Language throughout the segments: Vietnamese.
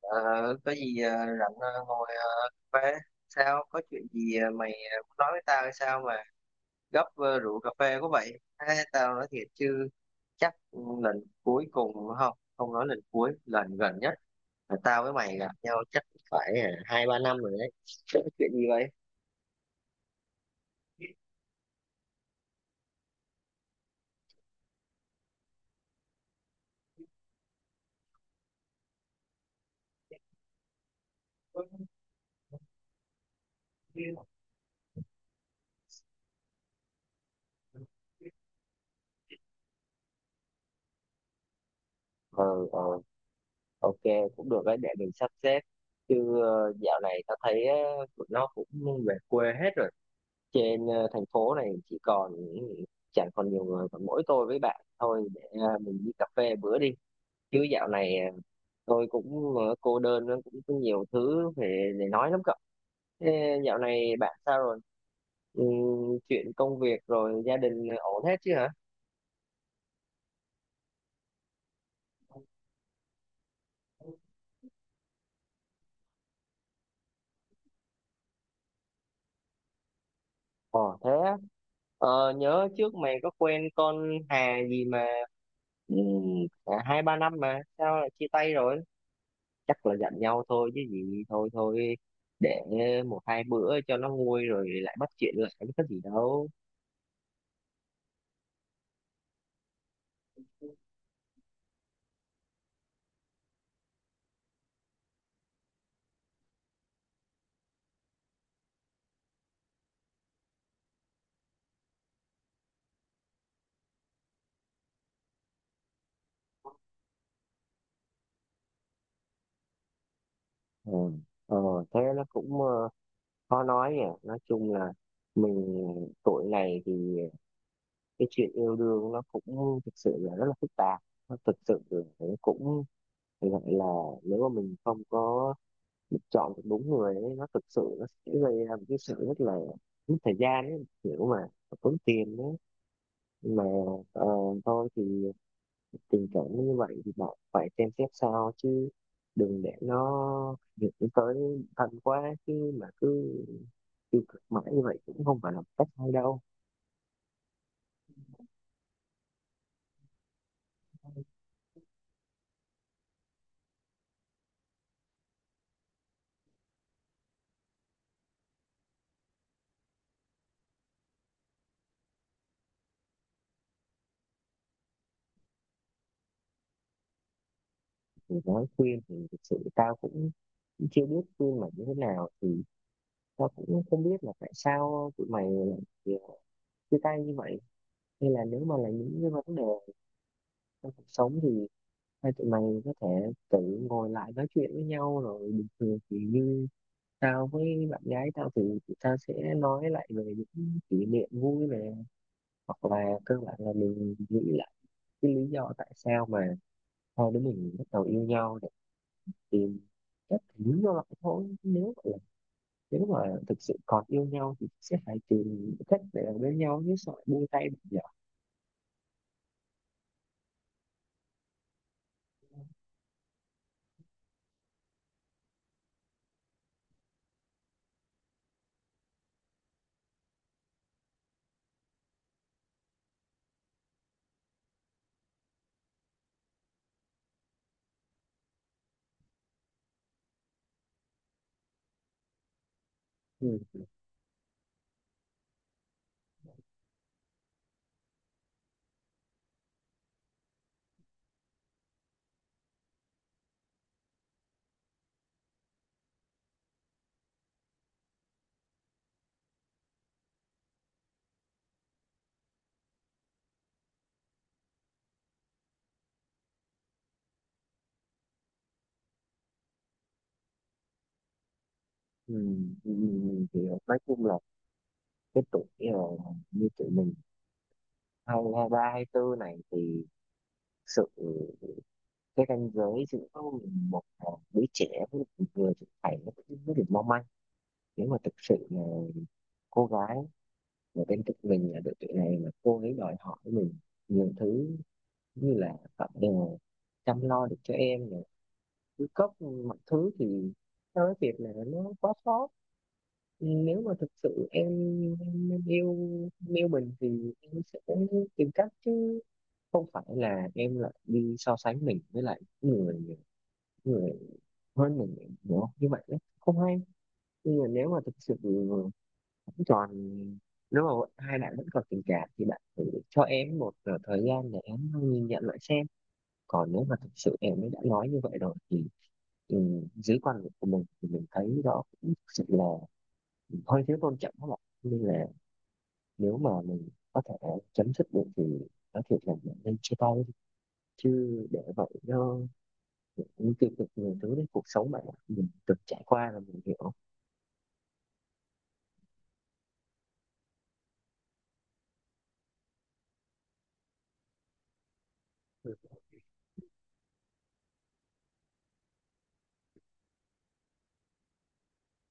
Ờ, có gì, rảnh, ngồi, cà phê. Sao có chuyện gì, mày muốn nói với tao hay sao mà gấp, rượu cà phê có vậy. Ê, tao nói thiệt chứ, chắc lần cuối cùng, không, không nói lần cuối, lần gần nhất là tao với mày gặp nhau chắc phải hai ba năm rồi đấy. Chuyện gì vậy? Ờ. Ờ. Ok, cũng được đấy, để mình sắp xếp. Chứ dạo này tao thấy tụi nó cũng về quê hết rồi. Trên thành phố này chỉ còn chẳng còn nhiều người, còn mỗi tôi với bạn thôi, để mình đi cà phê bữa đi. Chứ dạo này, tôi cũng, cô đơn, cũng có nhiều thứ để nói lắm, cậu. Thế dạo này bạn sao rồi? Ừ, chuyện công việc rồi gia đình ổn hết chứ hả? Ồ, thế á. Nhớ trước mày có quen con Hà gì mà, ừ, cả hai ba năm mà sao lại chia tay rồi? Chắc là giận nhau thôi chứ gì. Thôi thôi, để một hai bữa cho nó nguôi rồi lại bắt chuyện lại, chứ có gì đâu. Ừ. ờ, thế nó cũng, khó nói nhỉ. Nói chung là mình tuổi này thì cái chuyện yêu đương nó cũng thực sự là rất là phức tạp. Nó thực sự là, cũng phải gọi là, nếu mà mình không có chọn được đúng người ấy, nó thực sự nó sẽ gây ra một cái sự rất là mất thời gian ấy, kiểu mà tốn tiền đấy mà. Ờ, thôi thì tình cảm nó như vậy thì bạn phải xem xét sao chứ, đừng để nó dẫn tới thân quá, chứ mà cứ tiêu cực mãi như vậy cũng không phải là một cách hay đâu. Thì nói khuyên thì thực sự tao cũng chưa biết khuyên mày như thế nào, thì tao cũng không biết là tại sao tụi mày lại chia tay như vậy. Hay là nếu mà là những cái vấn đề trong cuộc sống, thì hai tụi mày có thể tự ngồi lại nói chuyện với nhau rồi bình thường. Thì như tao với bạn gái tao, thì tao sẽ nói lại về những kỷ niệm vui này, hoặc là cơ bản là mình nghĩ lại cái lý do tại sao mà hai đứa mình bắt đầu yêu nhau, để tìm cách lý do lại thôi. Nếu mà thực sự còn yêu nhau thì sẽ phải tìm cách để ở bên nhau, chứ sợ buông tay bây giờ. Ừ. Ừ. Ừ. Ừ, ừ, ừ, ừ, thì nói chung là cái tuổi, như tụi mình hai, hai ba, hai tư này thì thực sự cái ranh giới giữa một, đứa trẻ với một người trưởng thành nó cũng rất là mong manh. Nếu mà thực sự là cô gái ở bên cạnh mình ở độ tuổi này mà cô ấy đòi hỏi mình nhiều thứ, như là bạn đều chăm lo được cho em này, cứ cấp mọi thứ, thì theo cái việc là nó quá sót. Nếu mà thực sự em yêu em yêu mình thì em sẽ tìm cách, chứ không phải là em lại đi so sánh mình với lại người người hơn mình, hiểu như vậy đấy không hay. Nhưng mà nếu mà thực sự vẫn còn, nếu mà bọn hai bạn vẫn còn tình cảm thì bạn thử cho em một thời gian để em nhìn nhận lại xem. Còn nếu mà thực sự em ấy đã nói như vậy rồi thì, ừ, dưới quan điểm của mình thì mình thấy đó cũng thực sự là hơi thiếu tôn trọng các bạn. Nên là nếu mà mình có thể chấm dứt được thì nói thiệt là mình nên chia tay đi, chứ để vậy nó những tiêu cực nhiều thứ đấy cuộc sống, bạn ạ. Mình từng trải qua là mình hiểu.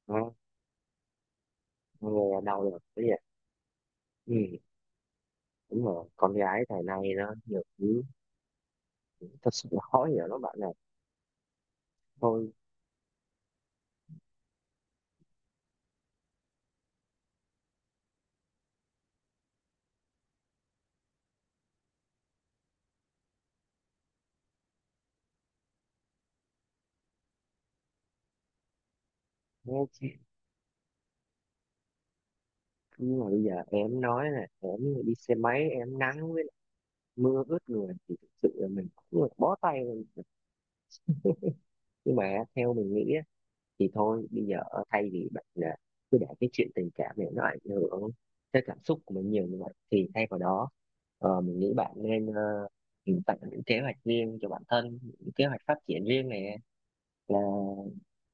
Ừ. Nghe đau lòng cái gì, ừ, đúng rồi, con gái thời nay nó nhiều thứ, thật sự là khó hiểu lắm, bạn này. Thôi nhé, chứ nhưng mà bây giờ em nói là em đi xe máy em nắng với lại mưa ướt người thì thực sự là mình cũng là bó tay rồi. Nhưng mà theo mình nghĩ á, thì thôi bây giờ thay vì bạn là cứ để cái chuyện tình cảm này nó ảnh hưởng tới cảm xúc của mình nhiều như vậy, thì thay vào đó mình nghĩ bạn nên, tạo những kế hoạch riêng cho bản thân, những kế hoạch phát triển riêng này, là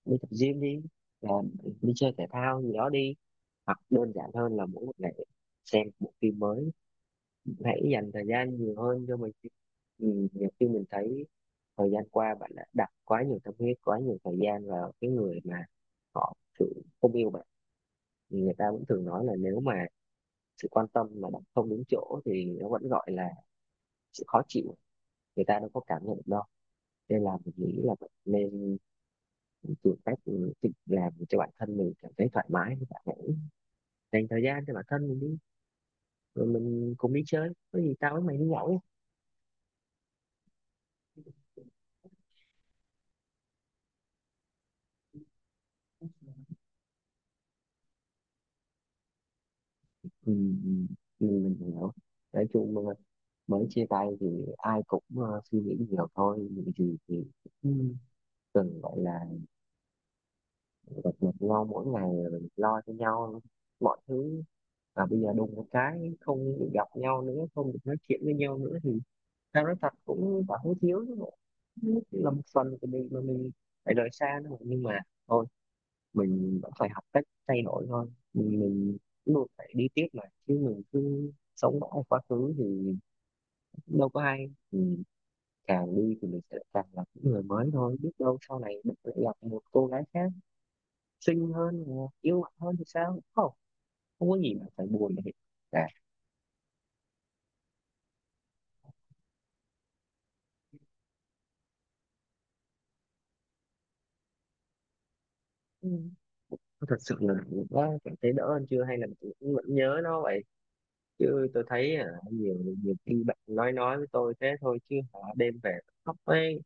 đi tập gym, đi làm, đi chơi thể thao gì đó đi, hoặc đơn giản hơn là mỗi một ngày xem một phim mới. Hãy dành thời gian nhiều hơn cho mình. Nhiều khi mình thấy thời gian qua bạn đã đặt quá nhiều tâm huyết, quá nhiều thời gian vào cái người mà họ sự không yêu bạn. Thì người ta vẫn thường nói là nếu mà sự quan tâm mà đặt không đúng chỗ thì nó vẫn gọi là sự khó chịu, người ta đâu có cảm nhận được đâu. Nên là mình nghĩ là bạn nên tìm cách tự làm cho bản thân mình cảm thấy thoải mái, bạn ạ. Dành thời gian cho bản thân mình đi, rồi mình cùng đi chơi, có gì tao với mày đi nhậu nhé. Ừ, ừ, ừ, mình hiểu. Nói chung mà mới chia tay thì ai cũng suy nghĩ nhiều thôi những gì thì, ừ. Cần gọi là gặp mặt nhau mỗi ngày rồi mình lo cho nhau mọi thứ, và bây giờ đùng một cái không được gặp nhau nữa, không được nói chuyện với nhau nữa, thì tao nói thật cũng cảm thấy thiếu chứ bộ. Cũng là một phần của mình mà mình phải rời xa nữa, nhưng mà thôi, mình vẫn phải học cách thay đổi thôi. Mình luôn phải đi tiếp mà, chứ mình cứ sống mãi ở quá khứ thì đâu có ai mình. Càng đi thì mình sẽ càng gặp những người mới thôi, biết đâu sau này mình lại gặp một cô gái khác xinh hơn hoặc yêu mạnh hơn thì sao không, không có gì mà phải buồn để cả. Ừ. Thật sự là đã cảm thấy đỡ hơn chưa, hay là mình cũng vẫn nhớ nó vậy? Chứ tôi thấy nhiều nhiều khi bạn nói với tôi thế thôi, chứ hả đêm về khóc ấy.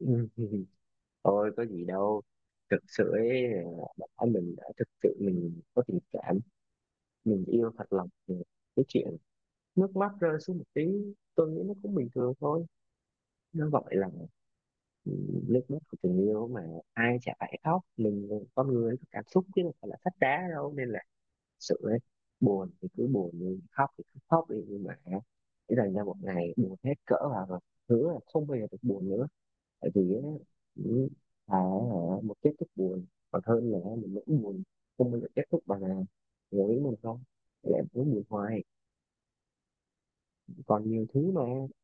Ừ. Thôi có gì đâu, thực sự ấy, bản thân mình đã thực sự mình có tình cảm, mình yêu thật lòng, thì cái chuyện nước mắt rơi xuống một tí tôi nghĩ nó cũng bình thường thôi. Nó gọi là, ừ, nước mắt của tình yêu mà, ai chả phải khóc mình, con người có cảm xúc chứ đâu phải là sách đá đâu. Nên là thực sự ấy, buồn thì cứ buồn đi, khóc thì cứ khóc đi, nhưng mà để dành ra một ngày buồn hết cỡ vào rồi hứa là không bao giờ được buồn nữa. Tại vì á, những thà ở một kết thúc buồn còn hơn là mình vẫn buồn không bao giờ kết thúc, bằng là ngồi với mình không lại muốn buồn hoài. Còn nhiều thứ mà,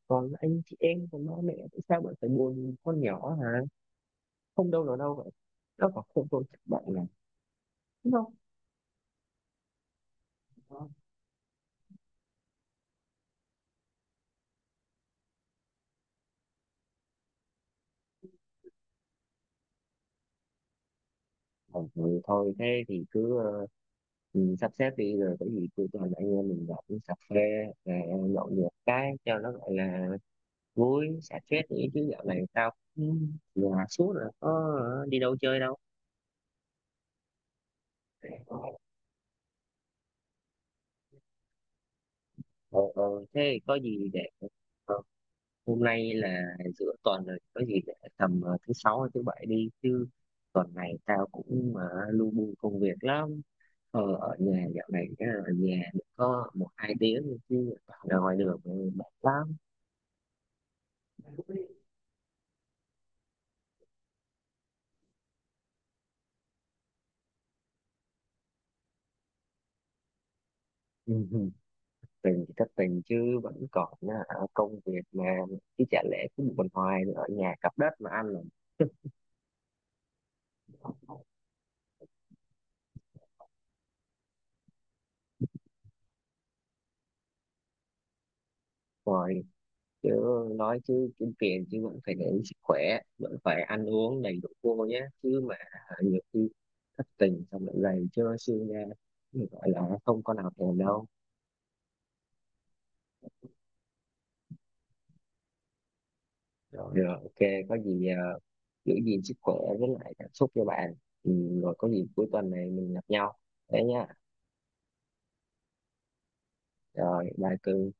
còn anh chị em, còn ba mẹ, tại sao bạn phải buồn con nhỏ hả? Không đâu nào đâu vậy, nó còn không tôn trọng bạn là đúng không? Ờ, ừ, thôi thôi, thế thì cứ, sắp xếp đi rồi có gì cứ toàn anh em mình gặp uống cà phê, ờ, nhậu nhẹt cái cho nó gọi là vui xả stress nghĩ. Chứ dạo này tao cũng nhà suốt, là có đi đâu chơi đâu. Ờ, ờ, thế có gì để, ờ, hôm nay là giữa tuần rồi, có gì để tầm thứ sáu hay thứ bảy đi chứ. Tuần này tao cũng mà lu bu công việc lắm. Ở nhà dạo này, ở nhà được có một hai tiếng thôi, chứ ra ngoài đường mệt lắm. Ừ, ừ. Tình thì thất tình chứ vẫn còn, à, công việc mà, chứ chả lẽ cứ buồn hoài ở nhà cặp đất mà ăn. Rồi chứ, nói chứ kiếm tiền chứ vẫn phải để ý sức khỏe, vẫn phải ăn uống đầy đủ vô nhé, chứ mà nhiều khi thất tình xong lại gầy trơ xương ra thì gọi là không có nào thèm đâu. Rồi, rồi ok, có gì giữ gìn sức khỏe với lại cảm xúc cho bạn. Ừ, rồi có gì cuối tuần này mình gặp nhau thế nhá. Rồi, bye cưng.